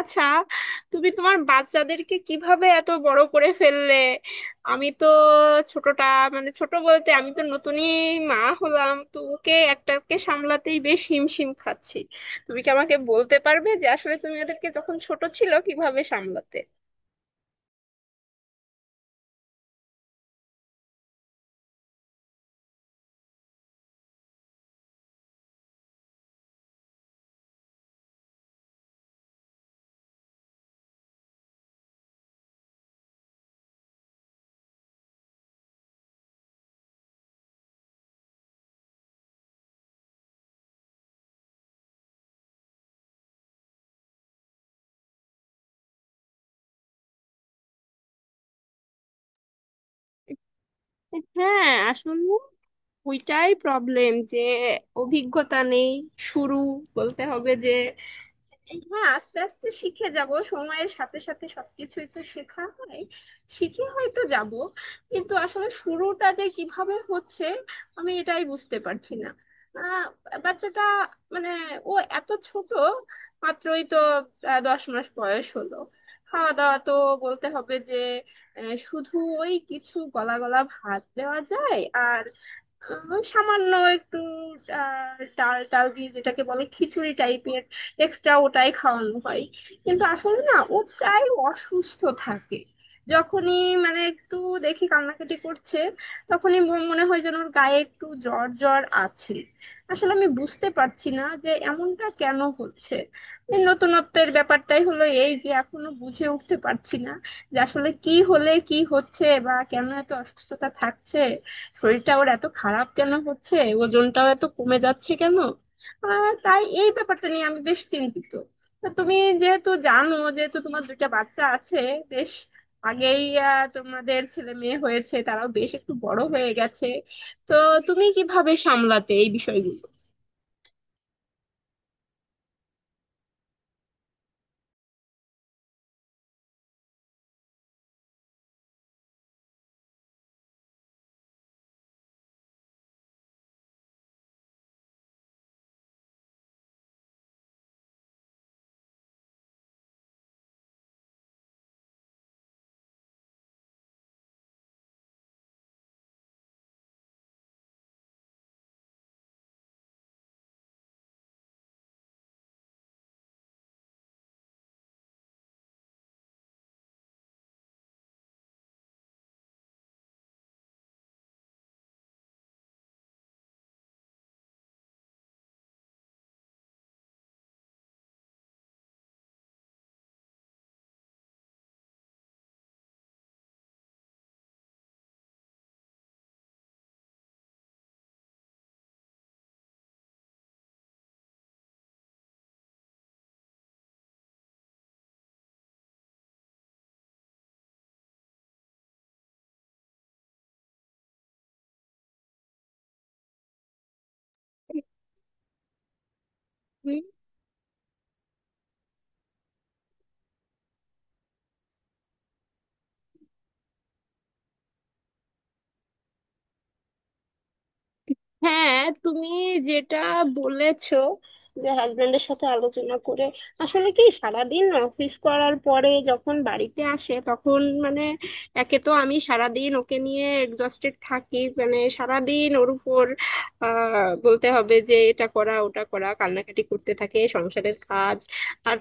আচ্ছা, তুমি তোমার বাচ্চাদেরকে কিভাবে এত বড় করে ফেললে? আমি তো ছোটটা, মানে ছোট বলতে আমি তো নতুনই মা হলাম, তো ওকে একটাকে সামলাতেই বেশ হিমশিম খাচ্ছি। তুমি কি আমাকে বলতে পারবে যে আসলে তুমি ওদেরকে যখন ছোট ছিল কিভাবে সামলাতে? হ্যাঁ, আসলে ওইটাই প্রবলেম যে অভিজ্ঞতা নেই। শুরু বলতে হবে যে হ্যাঁ, আস্তে আস্তে শিখে যাব, সময়ের সাথে সাথে সবকিছুই তো শেখা হয়। শিখে হয়তো যাব, কিন্তু আসলে শুরুটা যে কিভাবে হচ্ছে আমি এটাই বুঝতে পারছি না। আহ বাচ্চাটা মানে ও এত ছোট, মাত্রই তো 10 মাস বয়স হলো। খাওয়া দাওয়া তো বলতে হবে যে শুধু ওই কিছু গলা গলা ভাত দেওয়া যায়, আর সামান্য একটু ডাল টাল দিয়ে যেটাকে বলে খিচুড়ি টাইপের এক্সট্রা ওটাই খাওয়ানো হয়। কিন্তু আসলে না, ও প্রায় অসুস্থ থাকে। যখনই মানে একটু দেখি কান্নাকাটি করছে তখনই মনে হয় যেন ওর গায়ে একটু জ্বর জ্বর আছে। আসলে আমি বুঝতে পারছি না যে এমনটা কেন হচ্ছে। এই নতুনত্বের ব্যাপারটাই হলো এই যে এখনো বুঝে উঠতে পারছি না যে আসলে কি হলে কি হচ্ছে বা কেন এত অসুস্থতা থাকছে, শরীরটা ওর এত খারাপ কেন হচ্ছে, ওজনটাও এত কমে যাচ্ছে কেন। তাই এই ব্যাপারটা নিয়ে আমি বেশ চিন্তিত। তা তুমি যেহেতু জানো, যেহেতু তোমার দুইটা বাচ্চা আছে, বেশ আগেই তোমাদের ছেলে মেয়ে হয়েছে, তারাও বেশ একটু বড় হয়ে গেছে, তো তুমি কিভাবে সামলাতে এই বিষয়গুলো? হ্যাঁ, তুমি যেটা বলেছো যে হাজবেন্ডের সাথে আলোচনা করে, আসলে কি সারাদিন অফিস করার পরে যখন বাড়িতে আসে তখন মানে একে তো আমি সারাদিন ওকে নিয়ে এক্সস্টেড থাকি, মানে সারাদিন ওর উপর বলতে হবে যে এটা করা ওটা করা কান্নাকাটি করতে থাকে, সংসারের কাজ, আর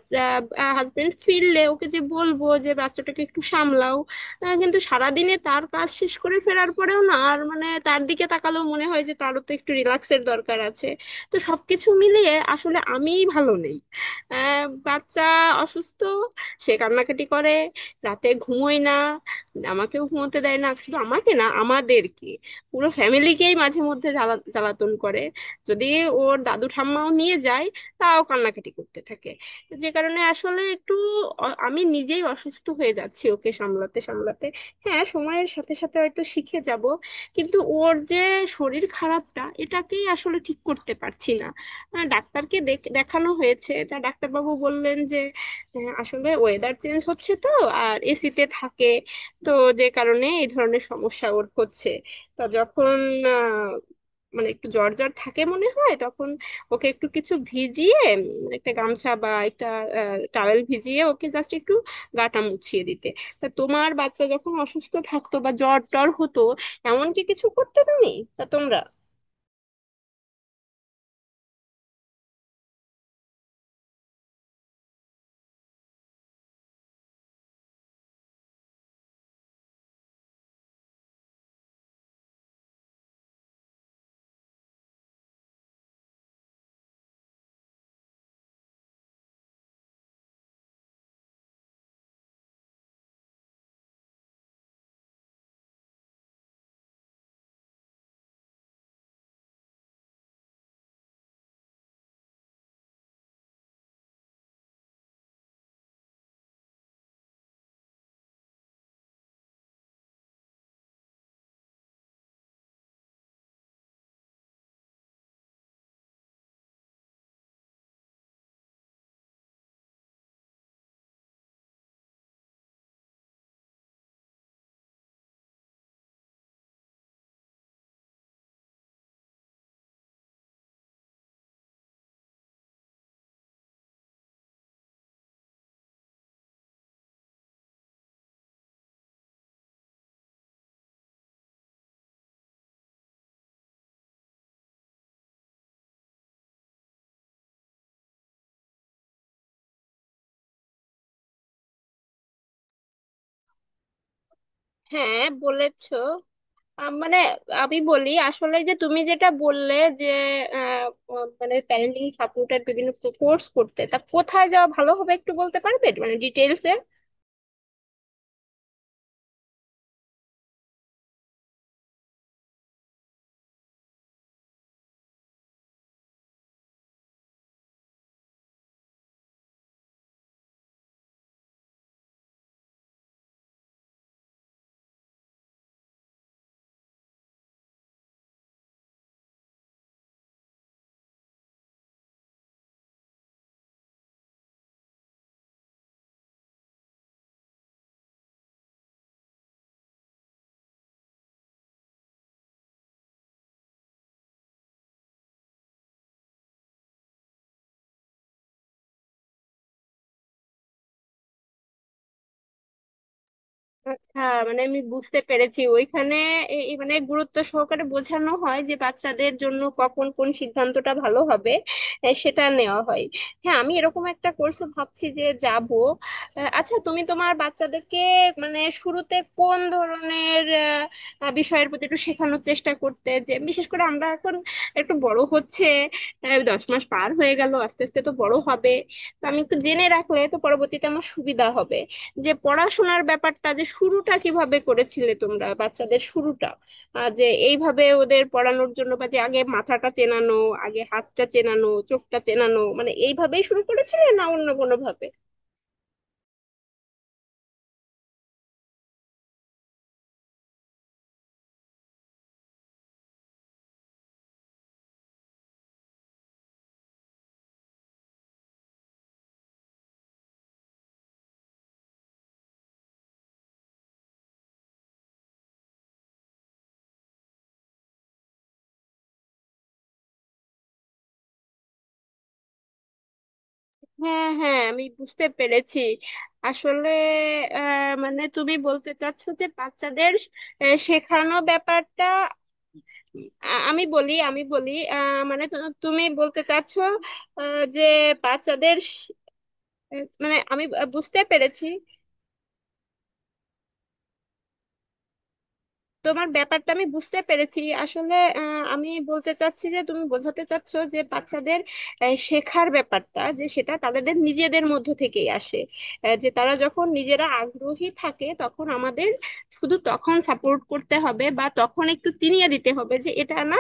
হাজবেন্ড ফিরলে ওকে যে বলবো যে বাচ্চাটাকে একটু সামলাও, কিন্তু সারাদিনে তার কাজ শেষ করে ফেরার পরেও না, আর মানে তার দিকে তাকালেও মনে হয় যে তারও তো একটু রিল্যাক্সের দরকার আছে। তো সবকিছু মিলিয়ে আসলে আমিই ভালো নেই। বাচ্চা অসুস্থ, সে কান্নাকাটি করে, রাতে ঘুমোয় না, আমাকেও ঘুমোতে দেয় না, শুধু আমাকে না, আমাদেরকে পুরো ফ্যামিলিকেই মাঝে মধ্যে জ্বালাতন করে। যদি ওর দাদু ঠাম্মাও নিয়ে যায় তাও কান্নাকাটি করতে থাকে, যে কারণে আসলে একটু আমি নিজেই অসুস্থ হয়ে যাচ্ছি ওকে সামলাতে সামলাতে। হ্যাঁ, সময়ের সাথে সাথে হয়তো শিখে যাব, কিন্তু ওর যে শরীর খারাপটা, এটাকেই আসলে ঠিক করতে পারছি না। ডাক্তারকে দেখানো হয়েছে, তা ডাক্তারবাবু বললেন যে আসলে ওয়েদার চেঞ্জ হচ্ছে তো, আর এসিতে থাকে, তো যে কারণে এই ধরনের সমস্যা ওর হচ্ছে। তা যখন আহ, মানে একটু জ্বর জ্বর থাকে মনে হয় তখন ওকে একটু কিছু ভিজিয়ে, একটা গামছা বা একটা টাওয়েল ভিজিয়ে ওকে জাস্ট একটু গাটা মুছিয়ে দিতে। তা তোমার বাচ্চা যখন অসুস্থ থাকতো বা জ্বর টর হতো এমন কি কিছু করতে তুমি, তা তোমরা? হ্যাঁ, বলেছো। মানে আমি বলি আসলে যে তুমি যেটা বললে যে আহ, আহ, মানে প্যারেন্টিং সাপোর্টের বিভিন্ন কোর্স করতে, তা কোথায় যাওয়া ভালো হবে একটু বলতে পারবে মানে ডিটেলস? আচ্ছা, মানে আমি বুঝতে পেরেছি ওইখানে এ- এ মানে গুরুত্ব সহকারে বোঝানো হয় যে বাচ্চাদের জন্য কখন কোন সিদ্ধান্তটা ভালো হবে, সেটা নেওয়া হয়। হ্যাঁ, আমি এরকম একটা কোর্সে ভাবছি যে যাব। আচ্ছা, তুমি তোমার বাচ্চাদেরকে মানে শুরুতে কোন ধরনের আহ, আহ, বিষয়ের প্রতি একটু শেখানোর চেষ্টা করতে, যে বিশেষ করে আমরা এখন একটু বড় হচ্ছে, দশ মাস পার হয়ে গেল, আস্তে আস্তে তো বড় হবে, তো আমি একটু জেনে রাখলে তো পরবর্তীতে আমার সুবিধা হবে যে পড়াশোনার ব্যাপারটা, যে শুরুটা কিভাবে করেছিলে তোমরা বাচ্চাদের শুরুটা, যে এইভাবে ওদের পড়ানোর জন্য বা যে আগে মাথাটা চেনানো, আগে হাতটা চেনানো, চোখটা চেনানো, মানে এইভাবেই শুরু করেছিলে না অন্য কোনো ভাবে? হ্যাঁ, হ্যাঁ, আমি বুঝতে পেরেছি আসলে। মানে তুমি বলতে চাচ্ছো যে বাচ্চাদের শেখানো ব্যাপারটা। আমি বলি, মানে তুমি বলতে চাচ্ছো যে বাচ্চাদের মানে আমি বুঝতে পেরেছি। তোমার ব্যাপারটা আমি বুঝতে পেরেছি আসলে। আমি বলতে চাচ্ছি যে তুমি বোঝাতে চাচ্ছো যে বাচ্চাদের শেখার ব্যাপারটা, যে সেটা তাদের নিজেদের মধ্য থেকেই আসে। যে তারা যখন নিজেরা আগ্রহী থাকে তখন আমাদের শুধু তখন সাপোর্ট করতে হবে বা তখন একটু চিনিয়ে দিতে হবে যে এটা না,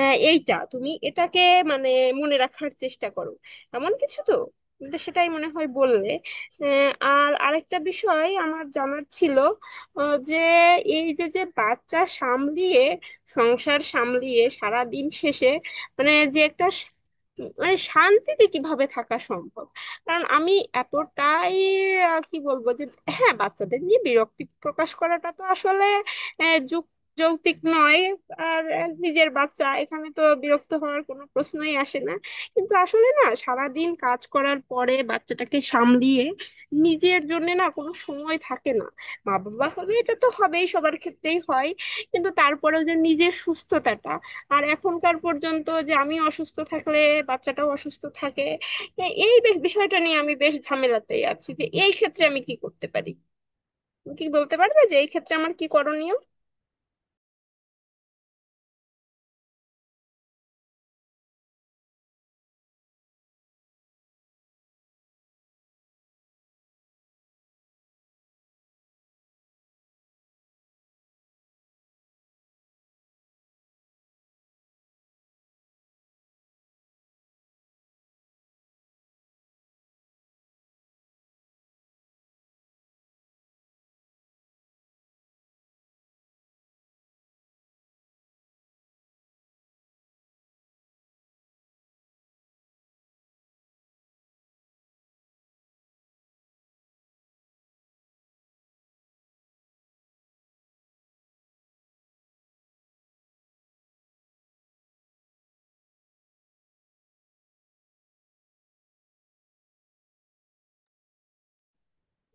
এইটা তুমি এটাকে মানে মনে রাখার চেষ্টা করো, এমন কিছু তো, তুমি তো সেটাই মনে হয় বললে। আর আরেকটা বিষয় আমার জানার ছিল, যে এই যে যে বাচ্চা সামলিয়ে সংসার সামলিয়ে সারা দিন শেষে মানে যে একটা মানে শান্তিতে কিভাবে থাকা সম্ভব? কারণ আমি এতটাই কি বলবো যে, হ্যাঁ, বাচ্চাদের নিয়ে বিরক্তি প্রকাশ করাটা তো আসলে আহ, যুক যৌক্তিক নয়। আর নিজের বাচ্চা এখানে তো বিরক্ত হওয়ার কোনো প্রশ্নই আসে না। কিন্তু আসলে না সারাদিন কাজ করার পরে বাচ্চাটাকে সামলিয়ে নিজের জন্য না কোনো সময় থাকে না। মা বাবা হলে এটা তো হবেই, সবার ক্ষেত্রেই হয়, কিন্তু তারপরেও যে নিজের সুস্থতাটা, আর এখনকার পর্যন্ত যে আমি অসুস্থ থাকলে বাচ্চাটাও অসুস্থ থাকে, এই বিষয়টা নিয়ে আমি বেশ ঝামেলাতেই আছি যে এই ক্ষেত্রে আমি কি করতে পারি। তুমি কি বলতে পারবে যে এই ক্ষেত্রে আমার কি করণীয়?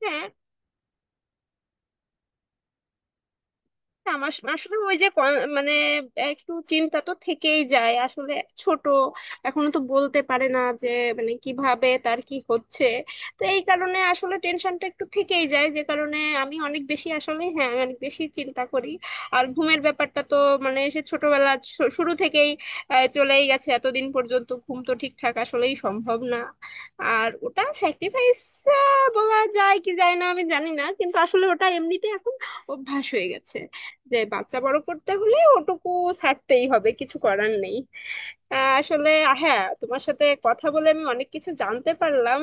হ্যাঁ, না, আমার আসলে ওই যে মানে একটু চিন্তা তো থেকেই যায় আসলে, ছোট এখনো তো বলতে পারে না যে মানে কিভাবে তার কি হচ্ছে, তো এই কারণে আসলে টেনশনটা একটু থেকেই যায়, যে কারণে আমি অনেক বেশি আসলে, হ্যাঁ, অনেক বেশি চিন্তা করি। আর ঘুমের ব্যাপারটা তো মানে সে ছোটবেলা শুরু থেকেই চলেই গেছে এতদিন পর্যন্ত, ঘুম তো ঠিকঠাক আসলেই সম্ভব না। আর ওটা স্যাক্রিফাইস বলা যায় কি যায় না আমি জানি না, কিন্তু আসলে ওটা এমনিতে এখন অভ্যাস হয়ে গেছে যে বাচ্চা বড় করতে হলে ওটুকু ছাড়তেই হবে, কিছু করার নেই। আসলে, হ্যাঁ, তোমার সাথে কথা বলে আমি অনেক কিছু জানতে পারলাম।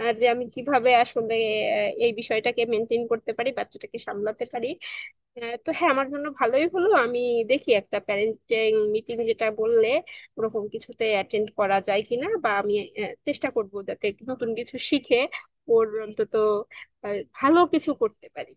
যে আমি কিভাবে আসলে এই বিষয়টাকে মেনটেন করতে পারি, বাচ্চাটাকে সামলাতে পারি। তো হ্যাঁ, আমার জন্য ভালোই হলো, আমি দেখি একটা প্যারেন্টিং মিটিং যেটা বললে ওরকম কিছুতে অ্যাটেন্ড করা যায় কিনা, বা আমি চেষ্টা করবো যাতে একটু নতুন কিছু শিখে ওর অন্তত আহ, ভালো কিছু করতে পারি।